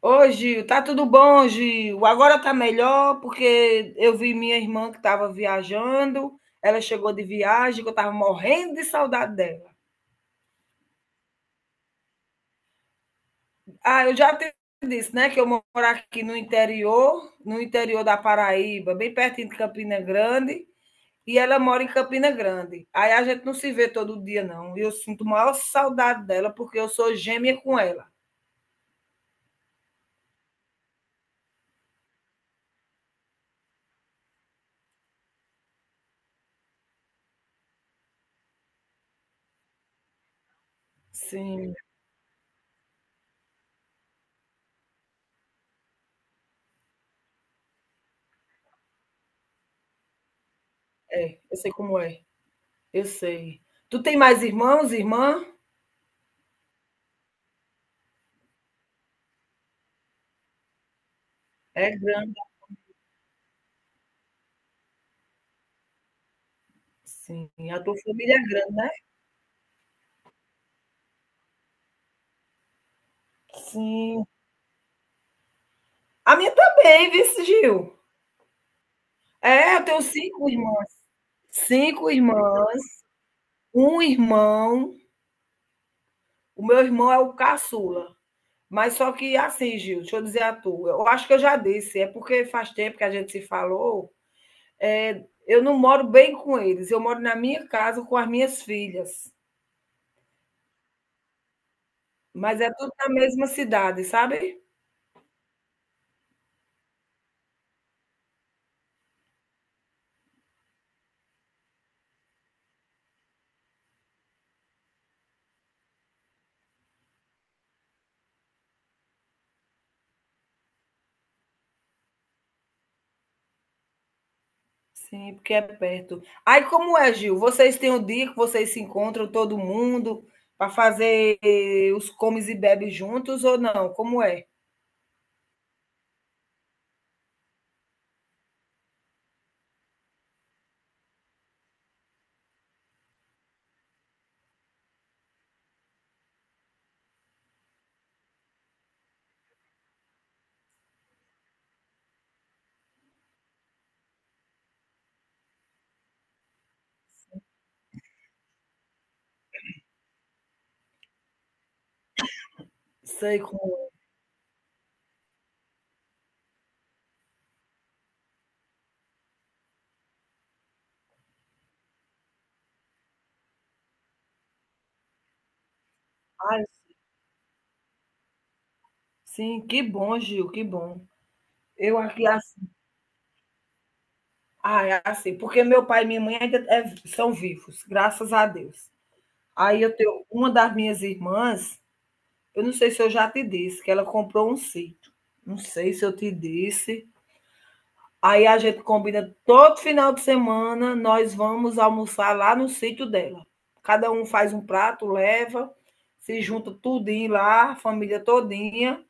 Ô, Gil, tá tudo bom, Gil? Agora tá melhor, porque eu vi minha irmã que estava viajando, ela chegou de viagem, que eu estava morrendo de saudade dela. Ah, eu já te disse, né, que eu moro aqui no interior, no interior da Paraíba, bem pertinho de Campina Grande, e ela mora em Campina Grande. Aí a gente não se vê todo dia, não. E eu sinto maior saudade dela, porque eu sou gêmea com ela. Sim, é, eu sei como é, eu sei. Tu tem mais irmãos, irmã? É grande. Sim, a tua família é grande, né? Sim. A minha também, viu, Gil? É, eu tenho 5 irmãs. Cinco irmãs, um irmão. O meu irmão é o caçula. Mas só que assim, Gil, deixa eu dizer a tua eu acho que eu já disse, é porque faz tempo que a gente se falou. É, eu não moro bem com eles, eu moro na minha casa com as minhas filhas, mas é tudo na mesma cidade, sabe? Sim, porque é perto. Aí como é, Gil? Vocês têm um dia que vocês se encontram todo mundo para fazer os comes e bebes juntos ou não? Como é? Sei como. Ai, sim, que bom, Gil, que bom. Eu aqui assim, ah, é assim, porque meu pai e minha mãe ainda são vivos, graças a Deus. Aí eu tenho uma das minhas irmãs, eu não sei se eu já te disse, que ela comprou um sítio. Não sei se eu te disse. Aí a gente combina todo final de semana, nós vamos almoçar lá no sítio dela. Cada um faz um prato, leva, se junta tudinho lá, a família todinha.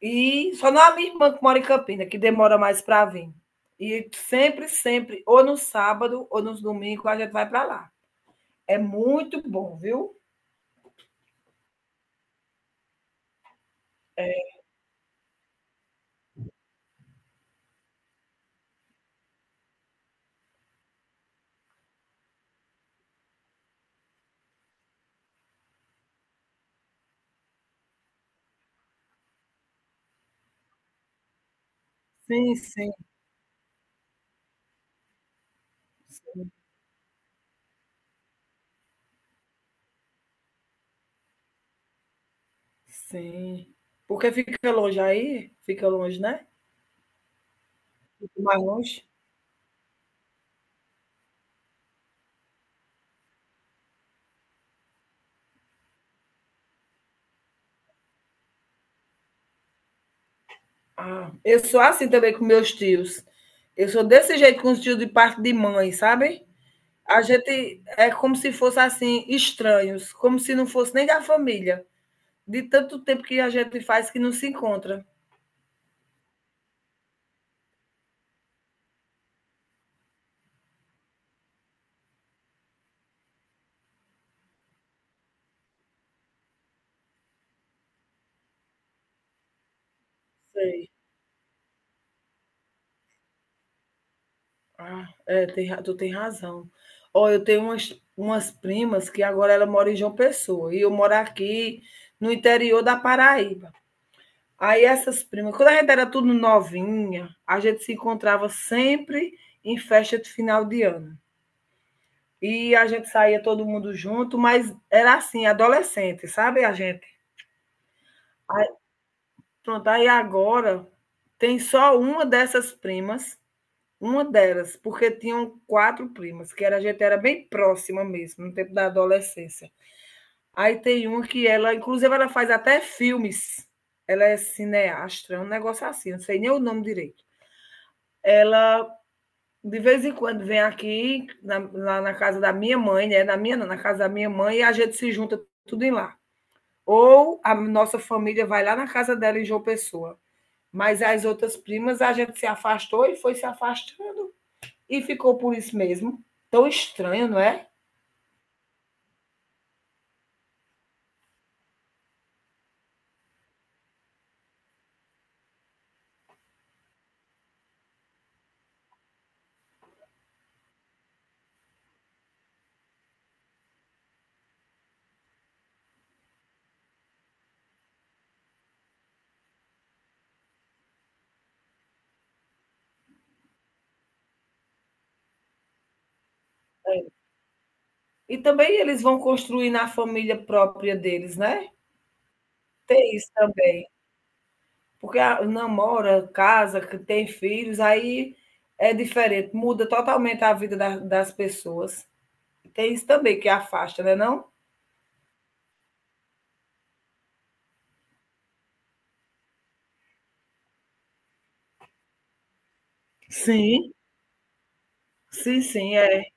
E só não a minha irmã que mora em Campina, que demora mais para vir. E sempre, sempre, ou no sábado ou nos domingos, a gente vai para lá. É muito bom, viu? Sim, sim, sim. Porque fica longe aí? Fica longe, né? Fica mais longe. Ah, eu sou assim também com meus tios. Eu sou desse jeito com os tios de parte de mãe, sabe? A gente é como se fosse assim, estranhos, como se não fosse nem da família, de tanto tempo que a gente faz que não se encontra. Sei. Ah, é, tem, tu tem razão. Ó, eu tenho umas primas que agora ela mora em João Pessoa e eu moro aqui no interior da Paraíba. Aí essas primas, quando a gente era tudo novinha, a gente se encontrava sempre em festa de final de ano. E a gente saía todo mundo junto, mas era assim, adolescente, sabe a gente? Aí, pronto, aí agora tem só uma dessas primas, uma delas, porque tinham quatro primas, que era, a gente era bem próxima mesmo, no tempo da adolescência. Aí tem uma que ela, inclusive, ela faz até filmes. Ela é cineasta, é um negócio assim, não sei nem o nome direito. Ela De vez em quando vem aqui, lá na casa da minha mãe, né? Na minha, não, na casa da minha mãe, e a gente se junta tudo em lá. Ou a nossa família vai lá na casa dela em João Pessoa. Mas as outras primas a gente se afastou e foi se afastando. E ficou por isso mesmo. Tão estranho, não é? E também eles vão construir na família própria deles, né? Tem isso também. Porque namora, casa, que tem filhos, aí é diferente, muda totalmente a vida das pessoas. Tem isso também que afasta, né, não? Sim, sim, sim. É.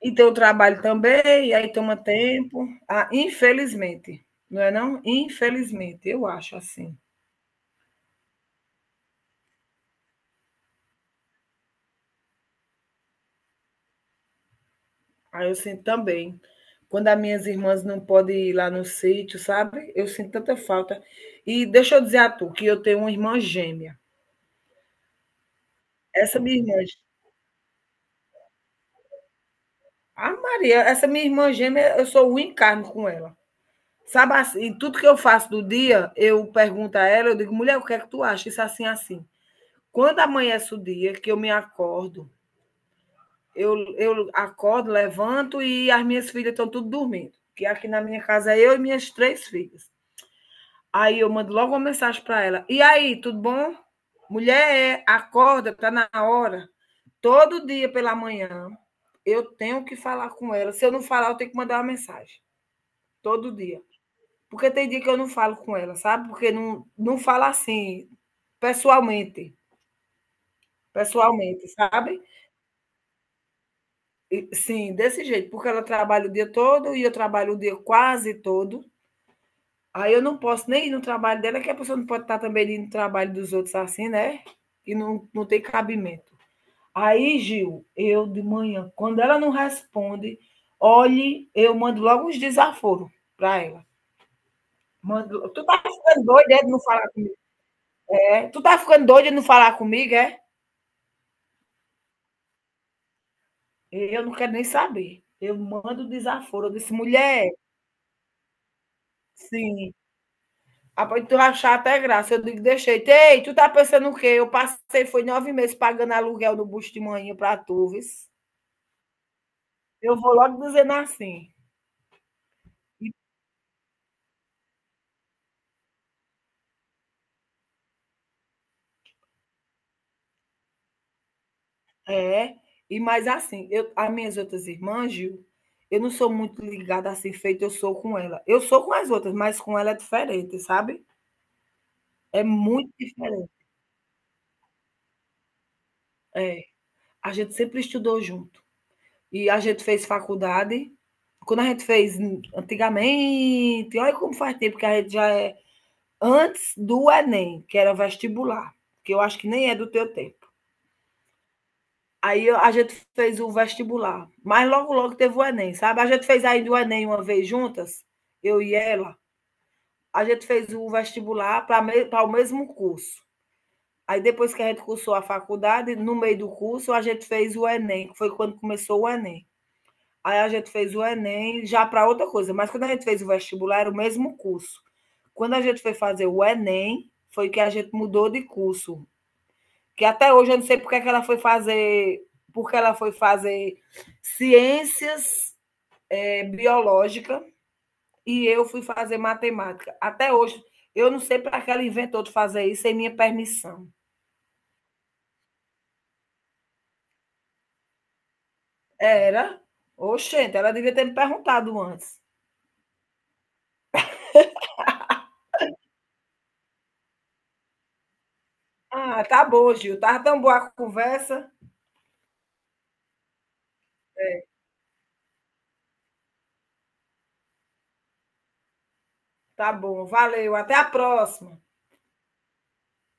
E tem o trabalho também, e aí toma tempo. Ah, infelizmente, não é não? Infelizmente, eu acho assim. Aí eu sinto também. Quando as minhas irmãs não podem ir lá no sítio, sabe? Eu sinto tanta falta. E deixa eu dizer a tu que eu tenho uma irmã gêmea. Essa minha irmã, a Maria, essa minha irmã gêmea, eu sou o encarno com ela. Sabe assim, e tudo que eu faço do dia, eu pergunto a ela, eu digo, mulher, o que é que tu acha? Isso assim, assim. Quando amanhece o dia que eu me acordo, eu acordo, levanto e as minhas filhas estão tudo dormindo. Que aqui na minha casa é eu e minhas três filhas. Aí eu mando logo uma mensagem para ela. E aí, tudo bom? Mulher, é, acorda, tá na hora. Todo dia pela manhã eu tenho que falar com ela. Se eu não falar, eu tenho que mandar uma mensagem. Todo dia. Porque tem dia que eu não falo com ela, sabe? Porque não falo assim, pessoalmente. Pessoalmente, sabe? Sim, desse jeito, porque ela trabalha o dia todo e eu trabalho o dia quase todo. Aí eu não posso nem ir no trabalho dela, que a pessoa não pode estar também indo no trabalho dos outros assim, né? E não tem cabimento. Aí, Gil, eu de manhã, quando ela não responde, olhe, eu mando logo uns desaforos para ela. Mando, tu tá ficando doida é, de não falar, é? Tu tá ficando doida de não falar comigo, é? Eu não quero nem saber. Eu mando desaforo. Eu disse, mulher, sim. Após tu achar até graça, eu digo, deixei. Ei, tu tá pensando o quê? Eu passei, foi 9 meses pagando aluguel do bucho de manhã pra tu, vis. Eu vou logo dizendo assim. E- É, e mais assim, eu, as minhas outras irmãs, Gil, eu não sou muito ligada assim, feito eu sou com ela. Eu sou com as outras, mas com ela é diferente, sabe? É muito diferente. É, a gente sempre estudou junto. E a gente fez faculdade. Quando a gente fez antigamente, olha como faz tempo que a gente já é antes do Enem, que era vestibular, que eu acho que nem é do teu tempo. Aí a gente fez o vestibular, mas logo, logo teve o Enem, sabe? A gente fez ainda o Enem uma vez juntas, eu e ela. A gente fez o vestibular para o mesmo curso. Aí depois que a gente cursou a faculdade, no meio do curso, a gente fez o Enem, que foi quando começou o Enem. Aí a gente fez o Enem já para outra coisa, mas quando a gente fez o vestibular era o mesmo curso. Quando a gente foi fazer o Enem, foi que a gente mudou de curso. Que até hoje eu não sei porque é que ela foi fazer, porque ela foi fazer ciências biológica e eu fui fazer matemática. Até hoje eu não sei para que ela inventou de fazer isso sem minha permissão. Era. Oxente, ela devia ter me perguntado antes. Ah, tá bom, Gil. Tá tão boa a conversa. Tá bom, valeu. Até a próxima.